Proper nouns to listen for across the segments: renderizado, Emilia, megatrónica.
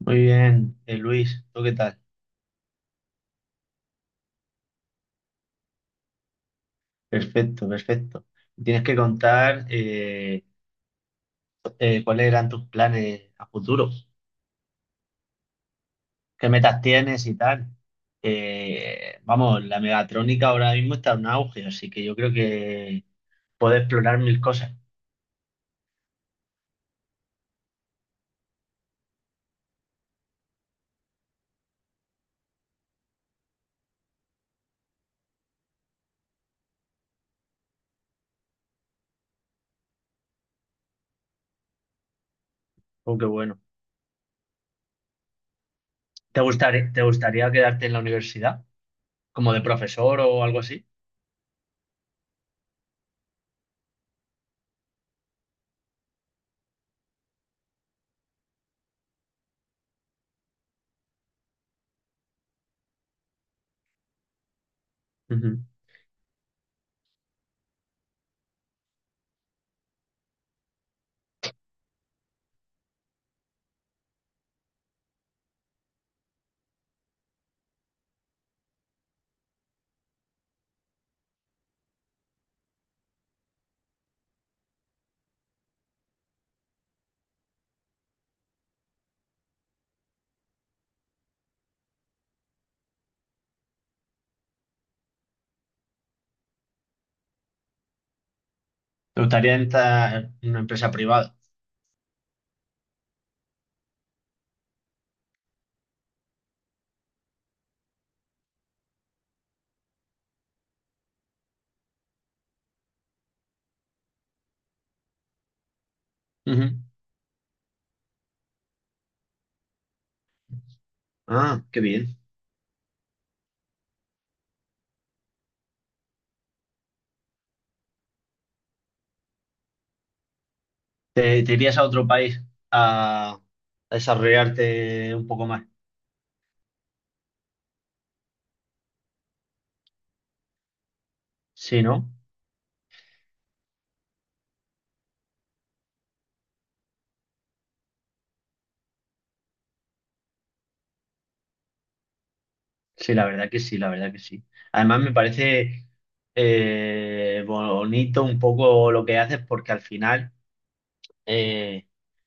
Muy bien, Luis, ¿tú qué tal? Perfecto, perfecto. Tienes que contar cuáles eran tus planes a futuro, qué metas tienes y tal. Vamos, la megatrónica ahora mismo está en auge, así que yo creo que puedes explorar mil cosas. Aunque bueno, te gustaría quedarte en la universidad como de profesor o algo así? Ujú. ¿Te gustaría entrar en una empresa privada? Ujú. Ah, qué bien. Te irías a otro país a, a desarrollarte un poco más? Sí, ¿no? Sí, la verdad que sí, la verdad que sí. Además me parece bonito un poco lo que haces porque al final eh,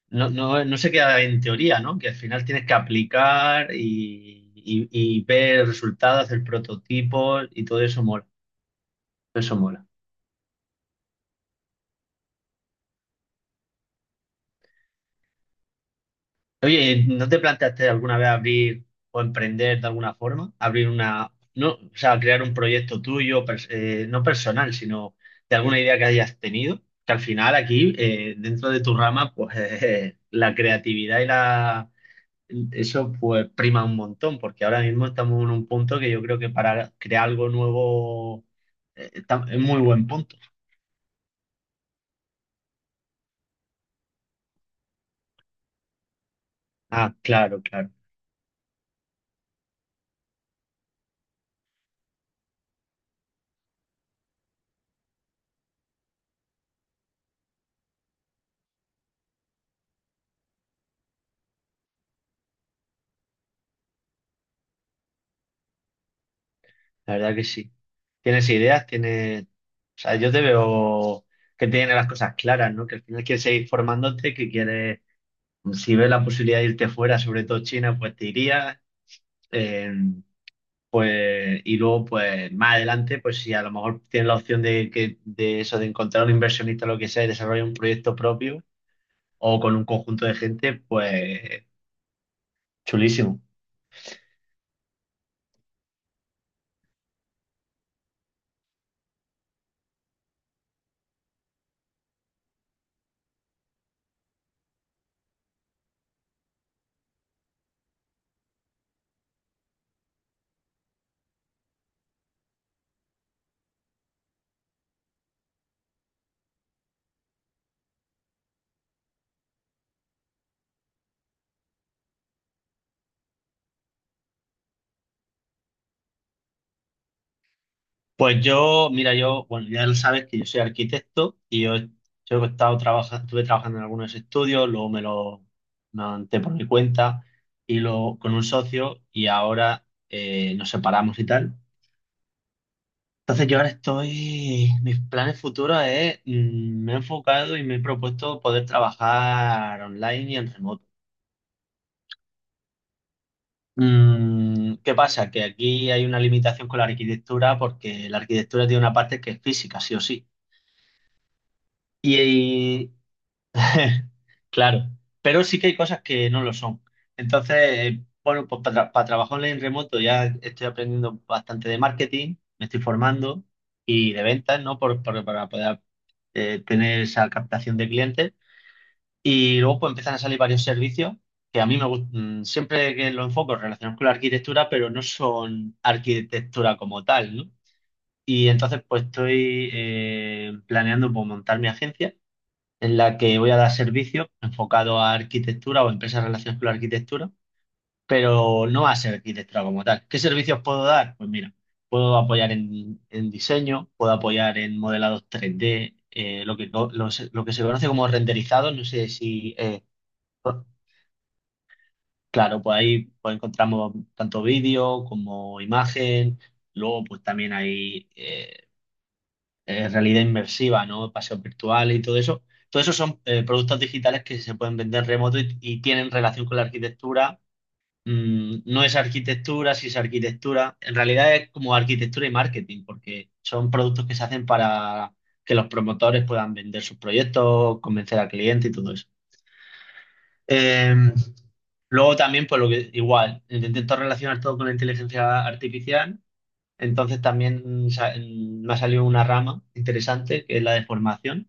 no se queda en teoría, ¿no? Que al final tienes que aplicar y ver resultados, hacer prototipos y todo eso mola. Eso mola. Oye, ¿no te planteaste alguna vez abrir o emprender de alguna forma? Abrir una, no, o sea, crear un proyecto tuyo, no personal, sino de alguna idea que hayas tenido, que al final aquí, dentro de tu rama, pues la creatividad eso pues prima un montón, porque ahora mismo estamos en un punto que yo creo que para crear algo nuevo, es muy buen punto. Ah, claro, claro. La verdad que sí. Tienes ideas, tienes. O sea, yo te veo que tienes las cosas claras, ¿no? Que al final quieres seguir formándote, que quieres. Si ves la posibilidad de irte fuera, sobre todo China, pues te irías. eh, pues, y luego, pues más adelante, pues si a lo mejor tienes la opción de, que, de eso, de encontrar un inversionista o lo que sea y desarrollar un proyecto propio o con un conjunto de gente, pues chulísimo. Pues yo, mira, yo, bueno, ya lo sabes que yo soy arquitecto y yo he estado trabajando, estuve trabajando en algunos estudios, luego me lo monté por mi cuenta y lo con un socio y ahora nos separamos y tal. Entonces yo ahora mis planes futuros es, me he enfocado y me he propuesto poder trabajar online y en remoto. Mm. ¿Qué pasa? Que aquí hay una limitación con la arquitectura porque la arquitectura tiene una parte que es física, sí o sí. Y, Claro, pero sí que hay cosas que no lo son. Entonces, bueno, pues para trabajar en remoto ya estoy aprendiendo bastante de marketing, me estoy formando y de ventas, ¿no? Para poder tener esa captación de clientes. Y luego pues empiezan a salir varios servicios que a mí me gustan, siempre que lo enfoco relacionados con la arquitectura, pero no son arquitectura como tal, ¿no? Y entonces pues estoy planeando pues, montar mi agencia en la que voy a dar servicio enfocado a arquitectura o empresas relacionadas con la arquitectura, pero no a ser arquitectura como tal. ¿Qué servicios puedo dar? Pues mira, puedo apoyar en diseño, puedo apoyar en modelados 3D, lo que se conoce como renderizado, no sé si. por- claro, pues ahí pues encontramos tanto vídeo como imagen, luego pues también hay realidad inmersiva, ¿no? Paseos virtuales y todo eso. Todo eso son productos digitales que se pueden vender remoto y tienen relación con la arquitectura. Mm, no es arquitectura, sí es arquitectura. En realidad es como arquitectura y marketing, porque son productos que se hacen para que los promotores puedan vender sus proyectos, convencer al cliente y todo eso. Eh, luego también, pues lo que igual, intento relacionar todo con la inteligencia artificial, entonces también me ha salido una rama interesante que es la de formación.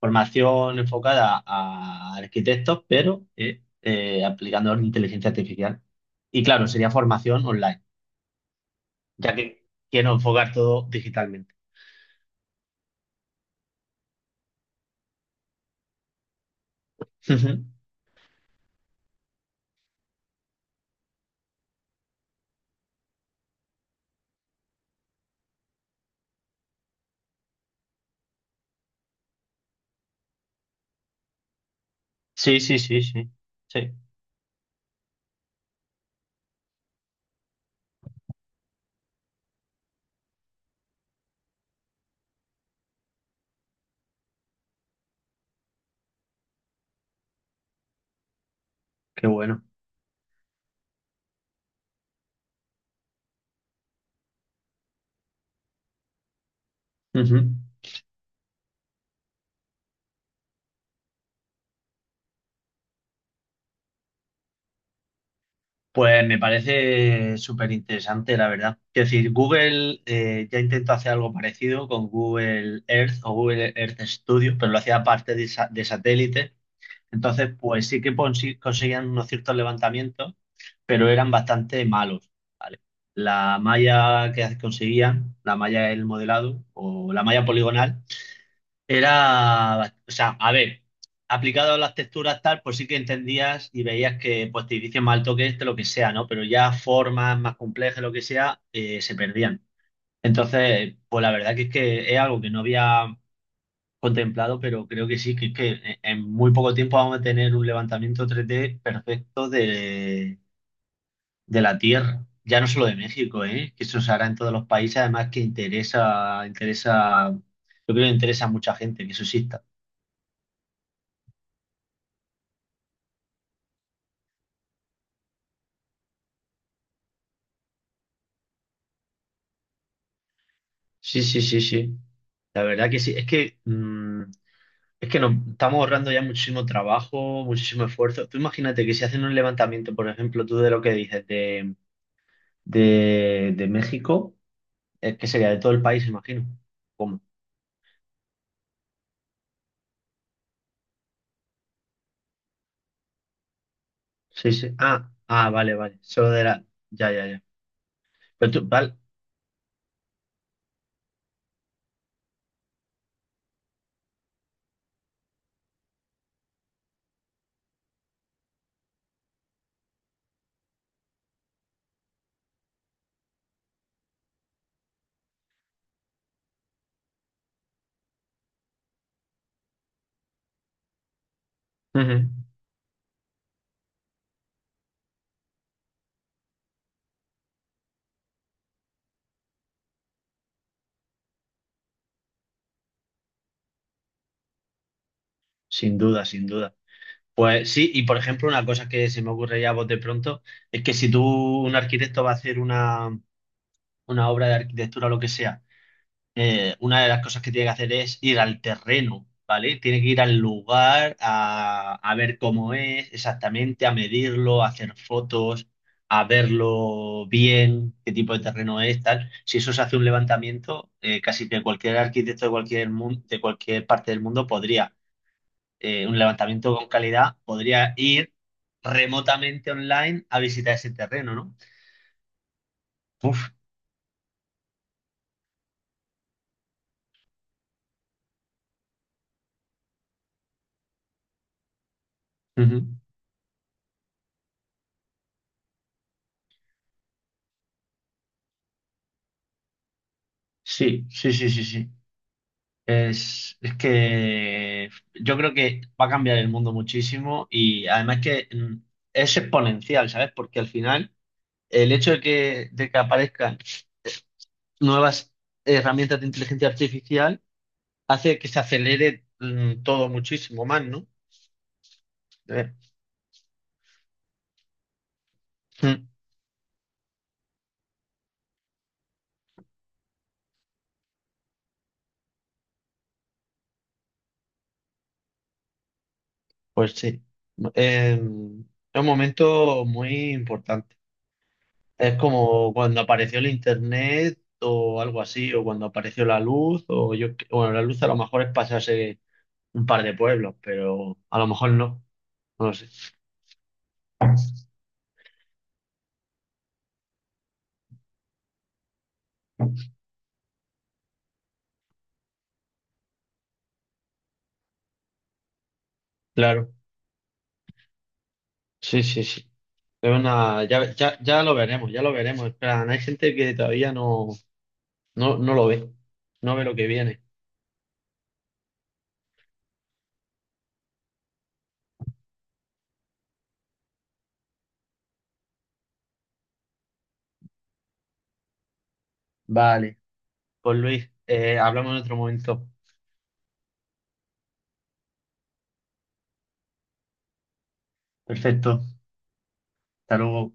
Formación enfocada a arquitectos, pero aplicando la inteligencia artificial. Y claro, sería formación online, ya que quiero enfocar todo digitalmente. Ujú. Sí, sí, sí, sí. Sí, qué bueno. Ujú. Pues me parece súper interesante, la verdad. Es decir, Google ya intentó hacer algo parecido con Google Earth o Google Earth Studio, pero lo hacía aparte de, de satélite. Entonces, pues sí que conseguían unos ciertos levantamientos, pero eran bastante malos, ¿vale? La malla que conseguían, la malla del modelado o la malla poligonal, era, o sea, a ver, aplicado a las texturas tal, pues sí que entendías y veías que pues te dicen mal toque este, lo que sea, ¿no? Pero ya formas más complejas, lo que sea, se perdían. Entonces, pues la verdad que es algo que no había contemplado, pero creo que sí, que es que en muy poco tiempo vamos a tener un levantamiento 3D perfecto de la Tierra. Ya no solo de México, ¿eh? Que eso se hará en todos los países, además que interesa, interesa, yo creo que interesa a mucha gente que eso exista. Sí, sí, sí, sí. La verdad que sí. Es que, mm, es que nos estamos ahorrando ya muchísimo trabajo, muchísimo esfuerzo. Tú imagínate que si hacen un levantamiento, por ejemplo, tú de lo que dices de México, es que sería de todo el país, imagino. ¿Cómo? Sí, sí. Ah, vale, vale. Solo de la. Ya, ya, ya. Pero tú, vale. Ujú. Sin duda, sin duda. Pues sí, y por ejemplo, una cosa que se me ocurre ya a vos de pronto, es que si tú, un arquitecto va a hacer una obra de arquitectura o lo que sea, una de las cosas que tiene que hacer es ir al terreno, ¿vale? Tiene que ir al lugar a ver cómo es exactamente, a medirlo, a hacer fotos, a verlo bien, qué tipo de terreno es, tal. Si eso se hace un levantamiento, casi que cualquier arquitecto de cualquier de cualquier parte del mundo podría, un levantamiento con calidad, podría ir remotamente online a visitar ese terreno, ¿no? Uf, ujú. Sí, sí, sí, sí, sí. Es que yo creo que va a cambiar el mundo muchísimo y además que es exponencial, ¿sabes? Porque al final el hecho de que aparezcan nuevas herramientas de inteligencia artificial hace que se acelere todo muchísimo más, ¿no? Eh, mm, pues sí. Es un momento muy importante. Es como cuando apareció el internet o algo así, o cuando apareció la luz, o yo, bueno, la luz a lo mejor es pasarse un par de pueblos, pero a lo mejor no, no lo sé. Claro, sí, sí, sí. Es una, ya, ya, ya lo veremos, ya lo veremos. En plan, hay gente que todavía no lo ve, no ve lo que viene. Vale, pues Luis, hablamos en otro momento. Perfecto, hasta luego.